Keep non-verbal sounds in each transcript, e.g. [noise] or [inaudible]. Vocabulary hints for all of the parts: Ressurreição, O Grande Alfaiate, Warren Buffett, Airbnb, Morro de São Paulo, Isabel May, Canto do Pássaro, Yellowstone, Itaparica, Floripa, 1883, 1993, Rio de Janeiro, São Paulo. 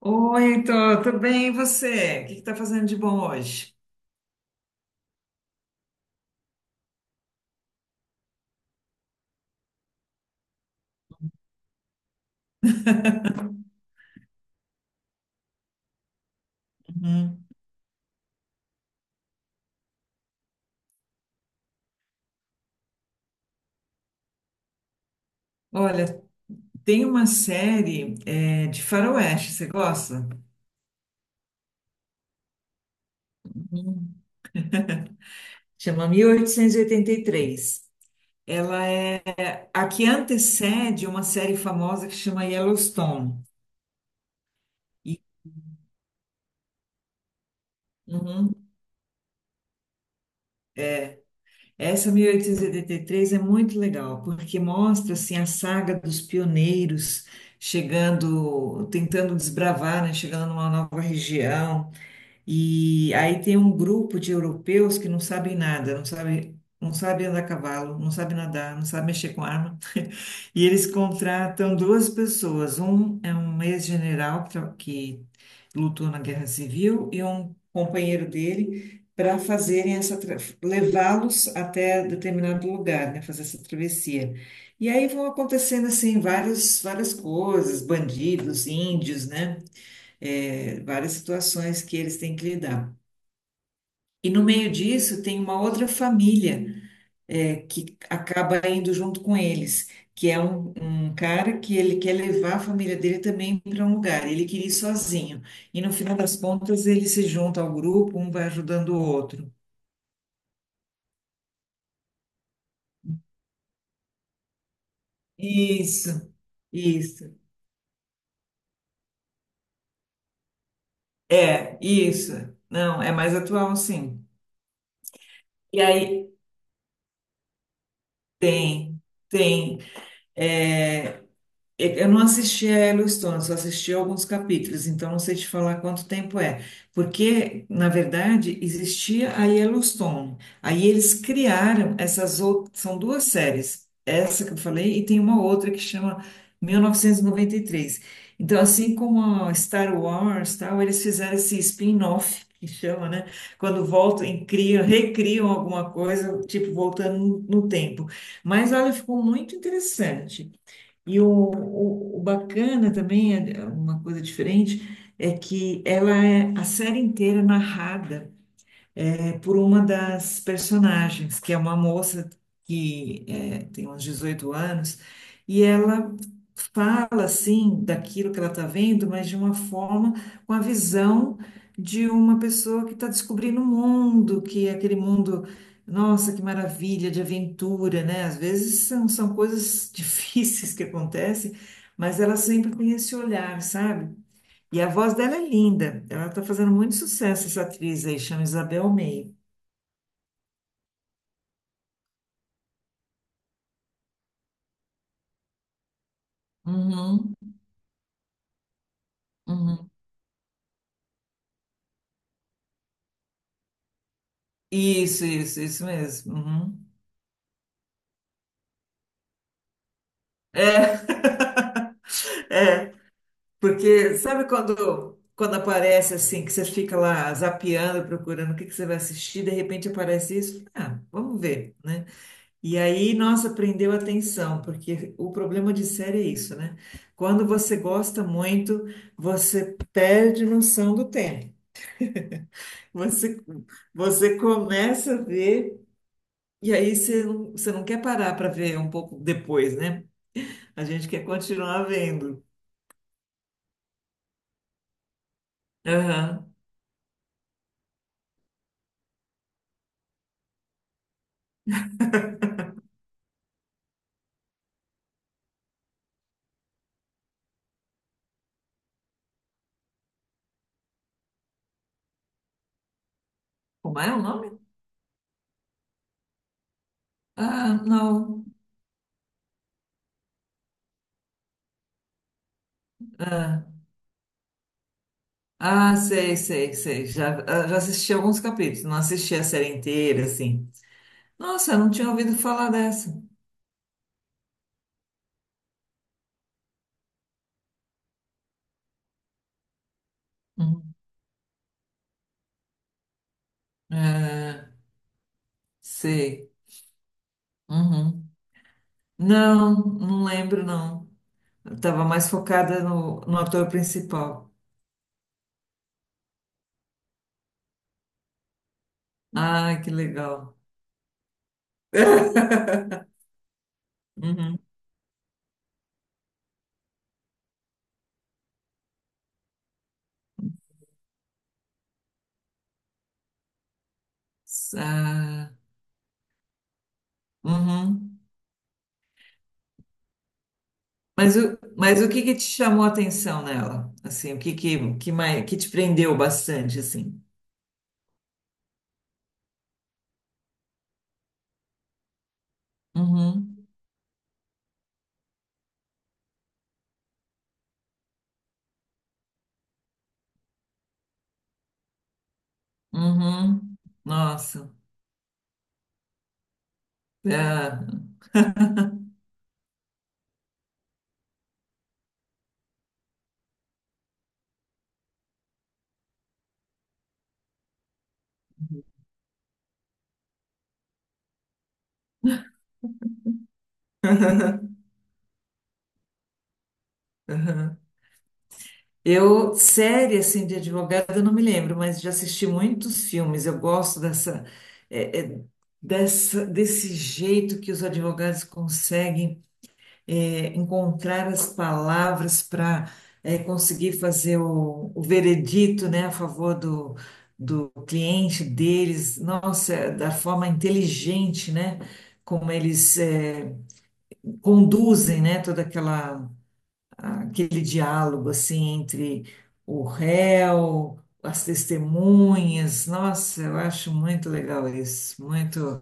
Oi, Heitor, tudo bem? E você? O que está fazendo de bom hoje? Uhum. Olha, tem uma série de faroeste, você gosta? Uhum. Chama 1883. Ela é a que antecede uma série famosa que chama Yellowstone. E Uhum. Essa 1883 é muito legal, porque mostra assim, a saga dos pioneiros chegando, tentando desbravar, né? Chegando numa nova região. E aí tem um grupo de europeus que não sabem nada, não sabem andar a cavalo, não sabem nadar, não sabem mexer com arma. [laughs] E eles contratam duas pessoas. Um é um ex-general que lutou na Guerra Civil e um companheiro dele para fazerem levá-los até determinado lugar, né, fazer essa travessia. E aí vão acontecendo assim várias coisas, bandidos, índios, né? Várias situações que eles têm que lidar. E no meio disso tem uma outra família que acaba indo junto com eles, um cara que ele quer levar a família dele também para um lugar. Ele queria ir sozinho. E no final das contas ele se junta ao grupo, um vai ajudando o outro. Isso, isso. É, isso. Não, é mais atual, sim. E aí tem, tem. Eu não assisti a Yellowstone, só assisti alguns capítulos, então não sei te falar quanto tempo é. Porque, na verdade, existia a Yellowstone. Aí eles criaram essas outras. São duas séries, essa que eu falei, e tem uma outra que chama 1993. Então, assim como a Star Wars, tal, eles fizeram esse spin-off, que chama, né? Quando voltam e criam, recriam alguma coisa, tipo, voltando no tempo. Mas olha, ficou muito interessante. E o bacana também, é uma coisa diferente, é que ela é a série inteira narrada por uma das personagens, que é uma moça tem uns 18 anos, e ela fala assim daquilo que ela está vendo, mas de uma forma, com a visão de uma pessoa que está descobrindo o mundo, que é aquele mundo, nossa, que maravilha, de aventura, né? Às vezes são coisas [laughs] difíceis que acontecem, mas ela sempre tem esse olhar, sabe? E a voz dela é linda, ela está fazendo muito sucesso, essa atriz aí, chama Isabel May. Uhum, uhum. Isso mesmo. Uhum. É, [laughs] é, porque sabe quando aparece assim, que você fica lá zapeando, procurando o que que você vai assistir, de repente aparece isso? Ah, vamos ver, né? E aí, nossa, prendeu a atenção, porque o problema de série é isso, né? Quando você gosta muito, você perde noção do tempo. Você, você começa a ver. E aí você não quer parar para ver um pouco depois, né? A gente quer continuar vendo. Aham. Como é o nome? Ah, não. Ah, sei, sei. Já, ah, já assisti alguns capítulos, não assisti a série inteira, assim. Nossa, eu não tinha ouvido falar dessa. Uhum. Ah, sei. Uhum. Não, não lembro, não. Eu tava mais focada no ator principal. Ah, que legal. [laughs] Uhum. Ah, Uhum. Mas o que que te chamou a atenção nela? Assim, o que mais, que te prendeu bastante, assim? Uhum. Uhum. Nossa. Ah. [laughs] Uhum. Eu, série, assim, de advogada, eu não me lembro, mas já assisti muitos filmes. Eu gosto dessa, é, é, dessa, desse jeito que os advogados conseguem encontrar as palavras para conseguir fazer o veredito, né, a favor do, do cliente deles, nossa, da forma inteligente, né, como eles conduzem, né, toda aquela aquele diálogo assim entre o réu, as testemunhas, nossa, eu acho muito legal isso, muito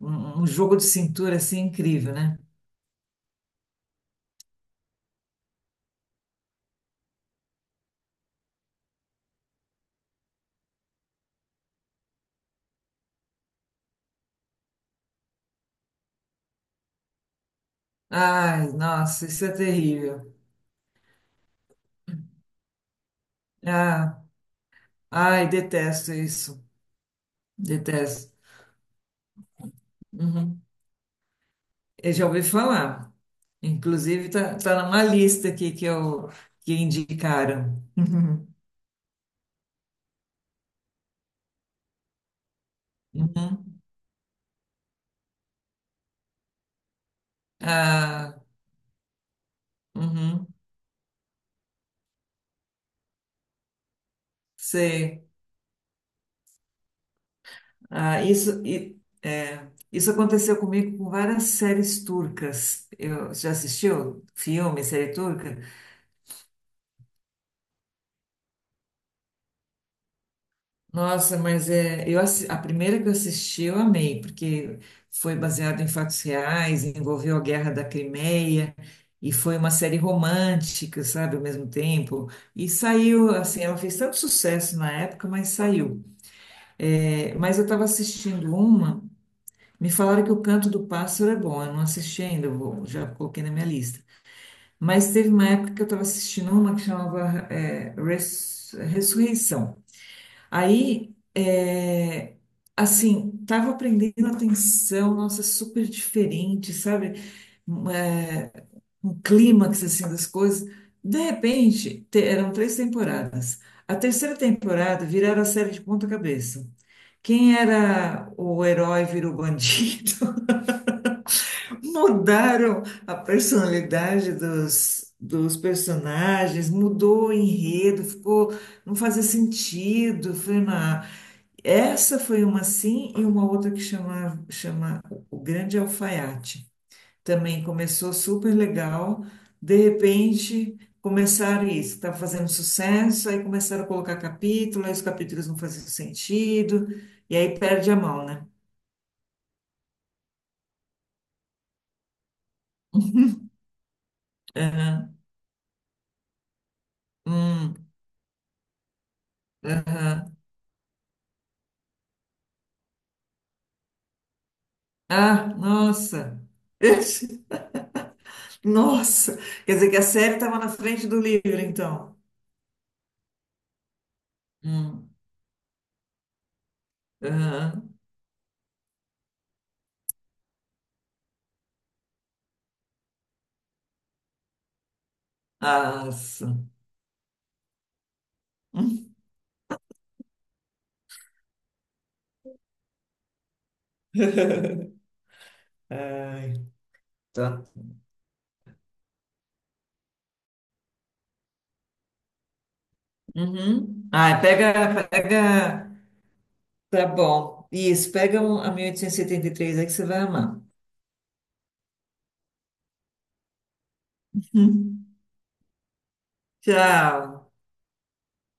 um jogo de cintura assim incrível, né? Ai, nossa, isso é terrível. Ah, ai, detesto isso. Detesto. Uhum. Eu já ouvi falar. Inclusive, tá numa lista aqui que eu que indicaram. Uhum. Uhum. Ah, uhum. Sei. Ah, isso, é, isso aconteceu comigo com várias séries turcas. Eu, já assistiu filme, série turca? Nossa, mas é, eu, a primeira que eu assisti eu amei, porque foi baseado em fatos reais, envolveu a Guerra da Crimeia, e foi uma série romântica, sabe, ao mesmo tempo. E saiu, assim, ela fez tanto sucesso na época, mas saiu. É, mas eu estava assistindo uma, me falaram que o Canto do Pássaro é bom, eu não assisti ainda, já coloquei na minha lista. Mas teve uma época que eu estava assistindo uma que chamava, Ressurreição. Aí, assim, tava aprendendo atenção, nossa, super diferente, sabe? Um, É, um clímax, assim, das coisas. De repente, eram três temporadas. A terceira temporada viraram a série de ponta cabeça. Quem era o herói virou bandido. [laughs] Mudaram a personalidade dos personagens, mudou o enredo, ficou, não fazia sentido. Foi essa foi uma assim e uma outra chama O Grande Alfaiate. Também começou super legal. De repente, começaram isso, estava fazendo sucesso, aí começaram a colocar capítulo, aí os capítulos não faziam sentido, e aí perde a mão, né? Aham, hum, aham. Ah, nossa! [laughs] Nossa! Quer dizer que a série estava na frente do livro, então. Hum, aham. Nossa! [laughs] Ai. Tá. Uhum. Ah, pega, pega. Tá bom. Isso, a 1873 aí que você vai amar. Uhum. Tchau.